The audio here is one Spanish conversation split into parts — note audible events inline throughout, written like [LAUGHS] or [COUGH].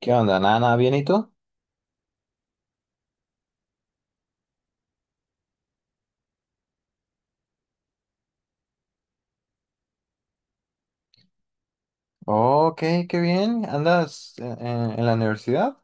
¿Qué onda? ¿Nada, nada bien y tú? Ok, qué bien. ¿Andas en la universidad?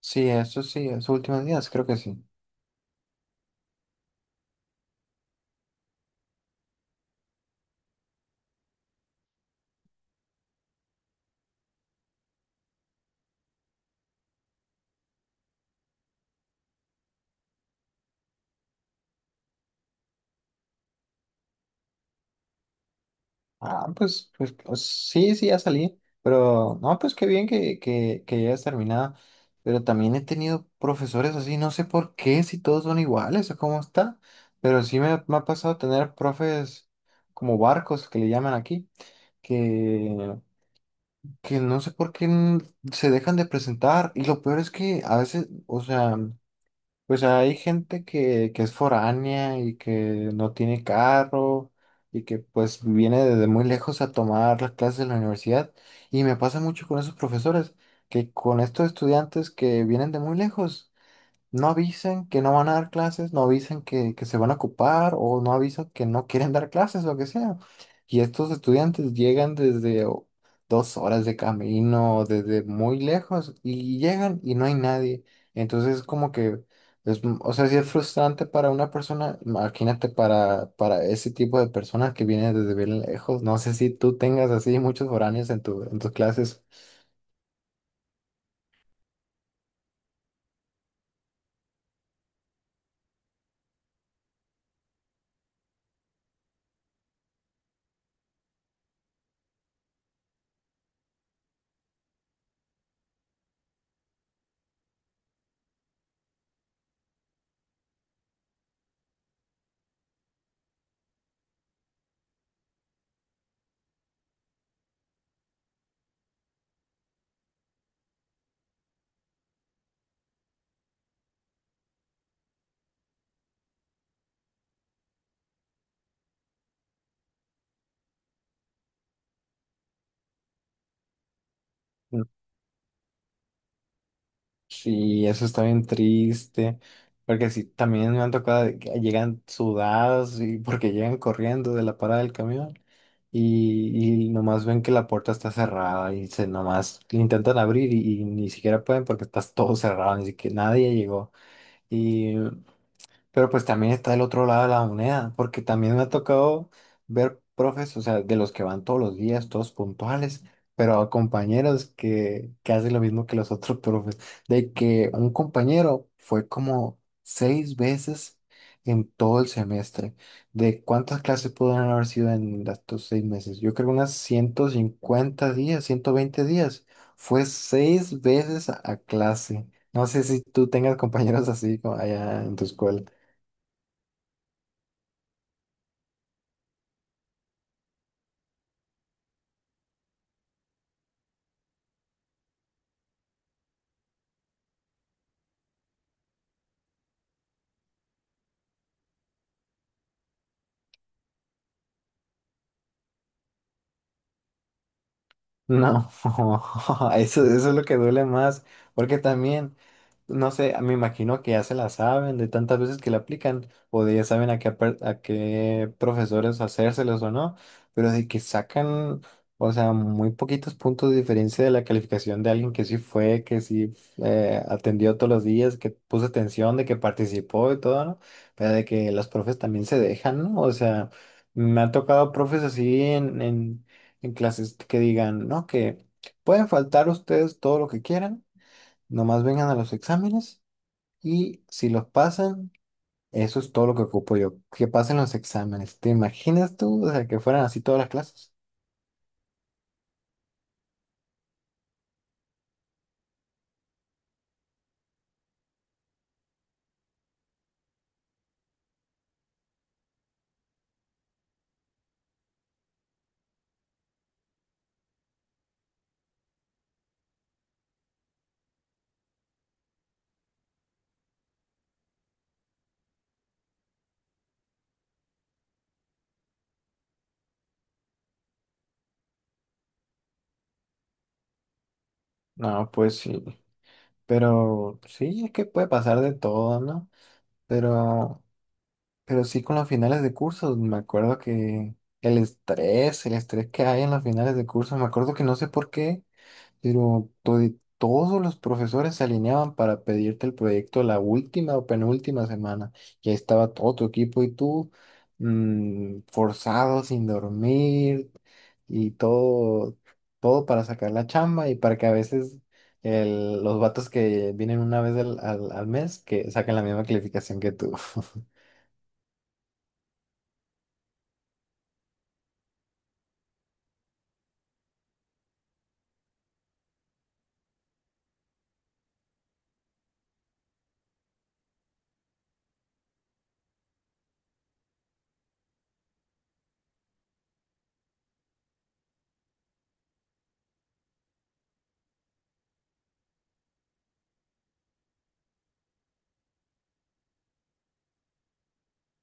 Sí, eso sí, esos últimos días, creo que sí. Ah, pues, sí, sí, ya salí. Pero, no, pues qué bien que ya hayas terminado. Pero también he tenido profesores así, no sé por qué, si todos son iguales o cómo está. Pero sí me ha pasado tener profes como barcos, que le llaman aquí, que, que no sé por qué se dejan de presentar. Y lo peor es que a veces, o sea. Pues hay gente que es foránea y que no tiene carro y que pues viene desde muy lejos a tomar las clases en la universidad. Y me pasa mucho con esos profesores, que con estos estudiantes que vienen de muy lejos. No avisen que no van a dar clases, no avisen que se van a ocupar o no avisan que no quieren dar clases, lo que sea. Y estos estudiantes llegan desde dos horas de camino, desde muy lejos, y llegan y no hay nadie. Entonces es como que, es, o sea, sí es frustrante para una persona. Imagínate para ese tipo de personas que vienen desde bien lejos. No sé si tú tengas así muchos foráneos en tus clases. Sí, eso está bien triste, porque sí, también me han tocado de que llegan sudadas y porque llegan corriendo de la parada del camión y nomás ven que la puerta está cerrada y se nomás le intentan abrir y ni siquiera pueden porque está todo cerrado, ni siquiera nadie llegó. Pero pues también está el otro lado de la moneda, porque también me ha tocado ver profes, o sea, de los que van todos los días, todos puntuales, pero a compañeros que hacen lo mismo que los otros [LAUGHS] profes, de que un compañero fue como seis veces en todo el semestre. ¿De cuántas clases pudieron haber sido en estos 6 meses? Yo creo unas 150 días, 120 días. Fue seis veces a clase. No sé si tú tengas [LAUGHS] compañeros así como allá en tu escuela. No, [LAUGHS] eso es lo que duele más, porque también, no sé, me imagino que ya se la saben de tantas veces que la aplican, o de ya saben a qué profesores hacérselos o no, pero de que sacan, o sea, muy poquitos puntos de diferencia de la calificación de alguien que sí fue, que sí atendió todos los días, que puso atención, de que participó y todo, ¿no? Pero de que los profes también se dejan, ¿no? O sea. Me ha tocado profes así en clases que digan, ¿no? Que pueden faltar ustedes todo lo que quieran, nomás vengan a los exámenes y si los pasan, eso es todo lo que ocupo yo, que pasen los exámenes. ¿Te imaginas tú? O sea, que fueran así todas las clases. No, pues sí, pero sí, es que puede pasar de todo, ¿no? Pero, pero sí con los finales de cursos, me acuerdo que el estrés que hay en los finales de cursos, me acuerdo que no sé por qué. Pero todos los profesores se alineaban para pedirte el proyecto la última o penúltima semana. Ya estaba todo tu equipo y tú forzado, sin dormir y todo, todo para sacar la chamba y para que a veces los vatos que vienen una vez al mes que saquen la misma calificación que tú. [LAUGHS]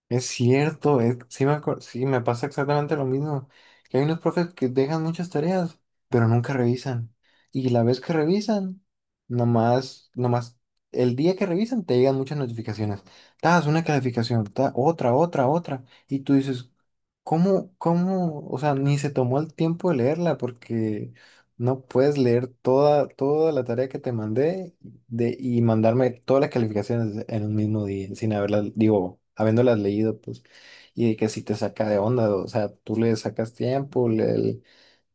Es cierto, sí, sí, me pasa exactamente lo mismo. Que hay unos profes que dejan muchas tareas, pero nunca revisan. Y la vez que revisan, nomás, nomás, el día que revisan te llegan muchas notificaciones. Das una calificación, otra, otra, otra. Y tú dices, ¿cómo, cómo? O sea, ni se tomó el tiempo de leerla porque no puedes leer toda, toda la tarea que te mandé y mandarme todas las calificaciones en un mismo día, sin haberlas, digo, habiéndolas leído, pues, y de que si te saca de onda, o sea, tú le sacas tiempo, le,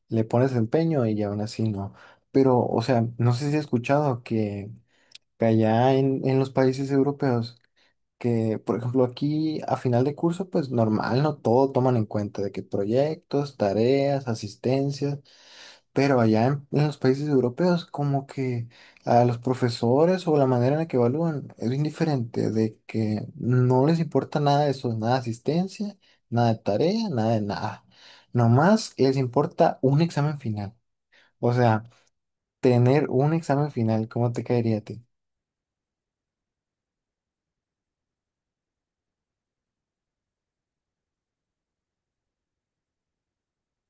le pones empeño y aún así no. Pero, o sea, no sé si has escuchado que allá en los países europeos, que, por ejemplo, aquí a final de curso, pues normal, no todo toman en cuenta de que proyectos, tareas, asistencias. Pero allá en los países europeos, como que a los profesores o la manera en la que evalúan es bien diferente, de que no les importa nada de eso, nada de asistencia, nada de tarea, nada de nada. Nomás les importa un examen final. O sea, tener un examen final, ¿cómo te caería a ti?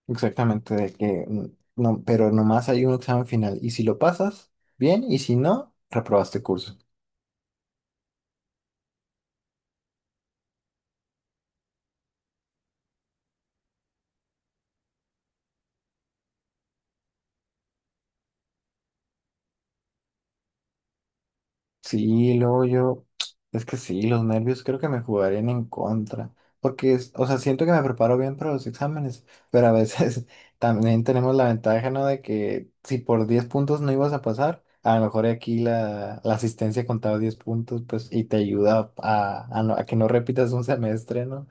Exactamente, de que no, pero nomás hay un examen final. Y si lo pasas, bien, y si no, reprobaste curso. Sí, luego yo, es que sí, los nervios creo que me jugarían en contra, porque, o sea, siento que me preparo bien para los exámenes, pero a veces [LAUGHS] también tenemos la ventaja, ¿no? De que si por 10 puntos no ibas a pasar, a lo mejor aquí la asistencia contaba 10 puntos, pues, y te ayuda a que no repitas un semestre, ¿no?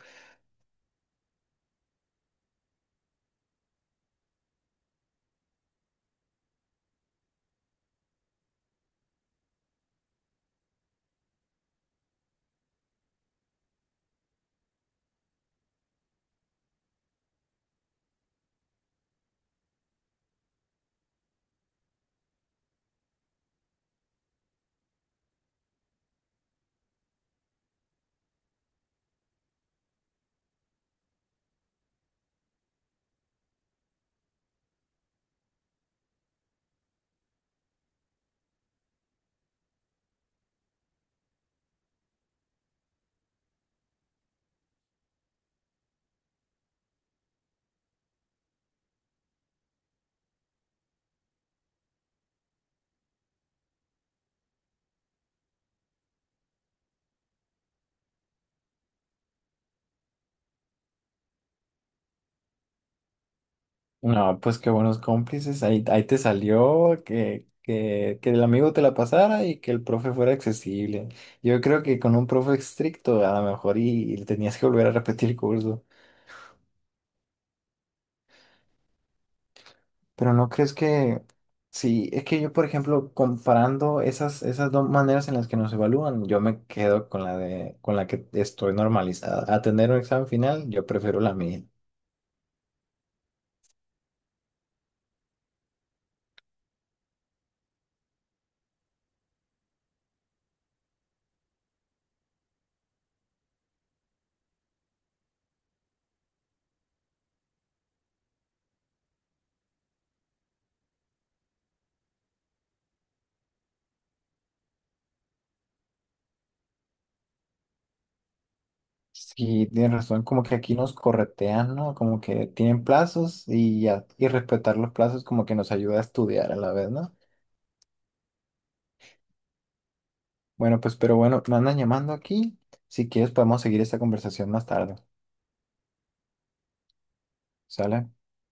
No, pues qué buenos cómplices. Ahí te salió que el amigo te la pasara y que el profe fuera accesible. Yo creo que con un profe estricto a lo mejor y tenías que volver a repetir curso. Pero no crees que. Sí, es que yo, por ejemplo, comparando esas dos maneras en las que nos evalúan, yo me quedo con la que estoy normalizada. A tener un examen final, yo prefiero la mía. Sí, tienes razón, como que aquí nos corretean, ¿no? Como que tienen plazos y ya, y respetar los plazos como que nos ayuda a estudiar a la vez, ¿no? Bueno, pues, pero bueno, me andan llamando aquí. Si quieres, podemos seguir esta conversación más tarde, ¿sale?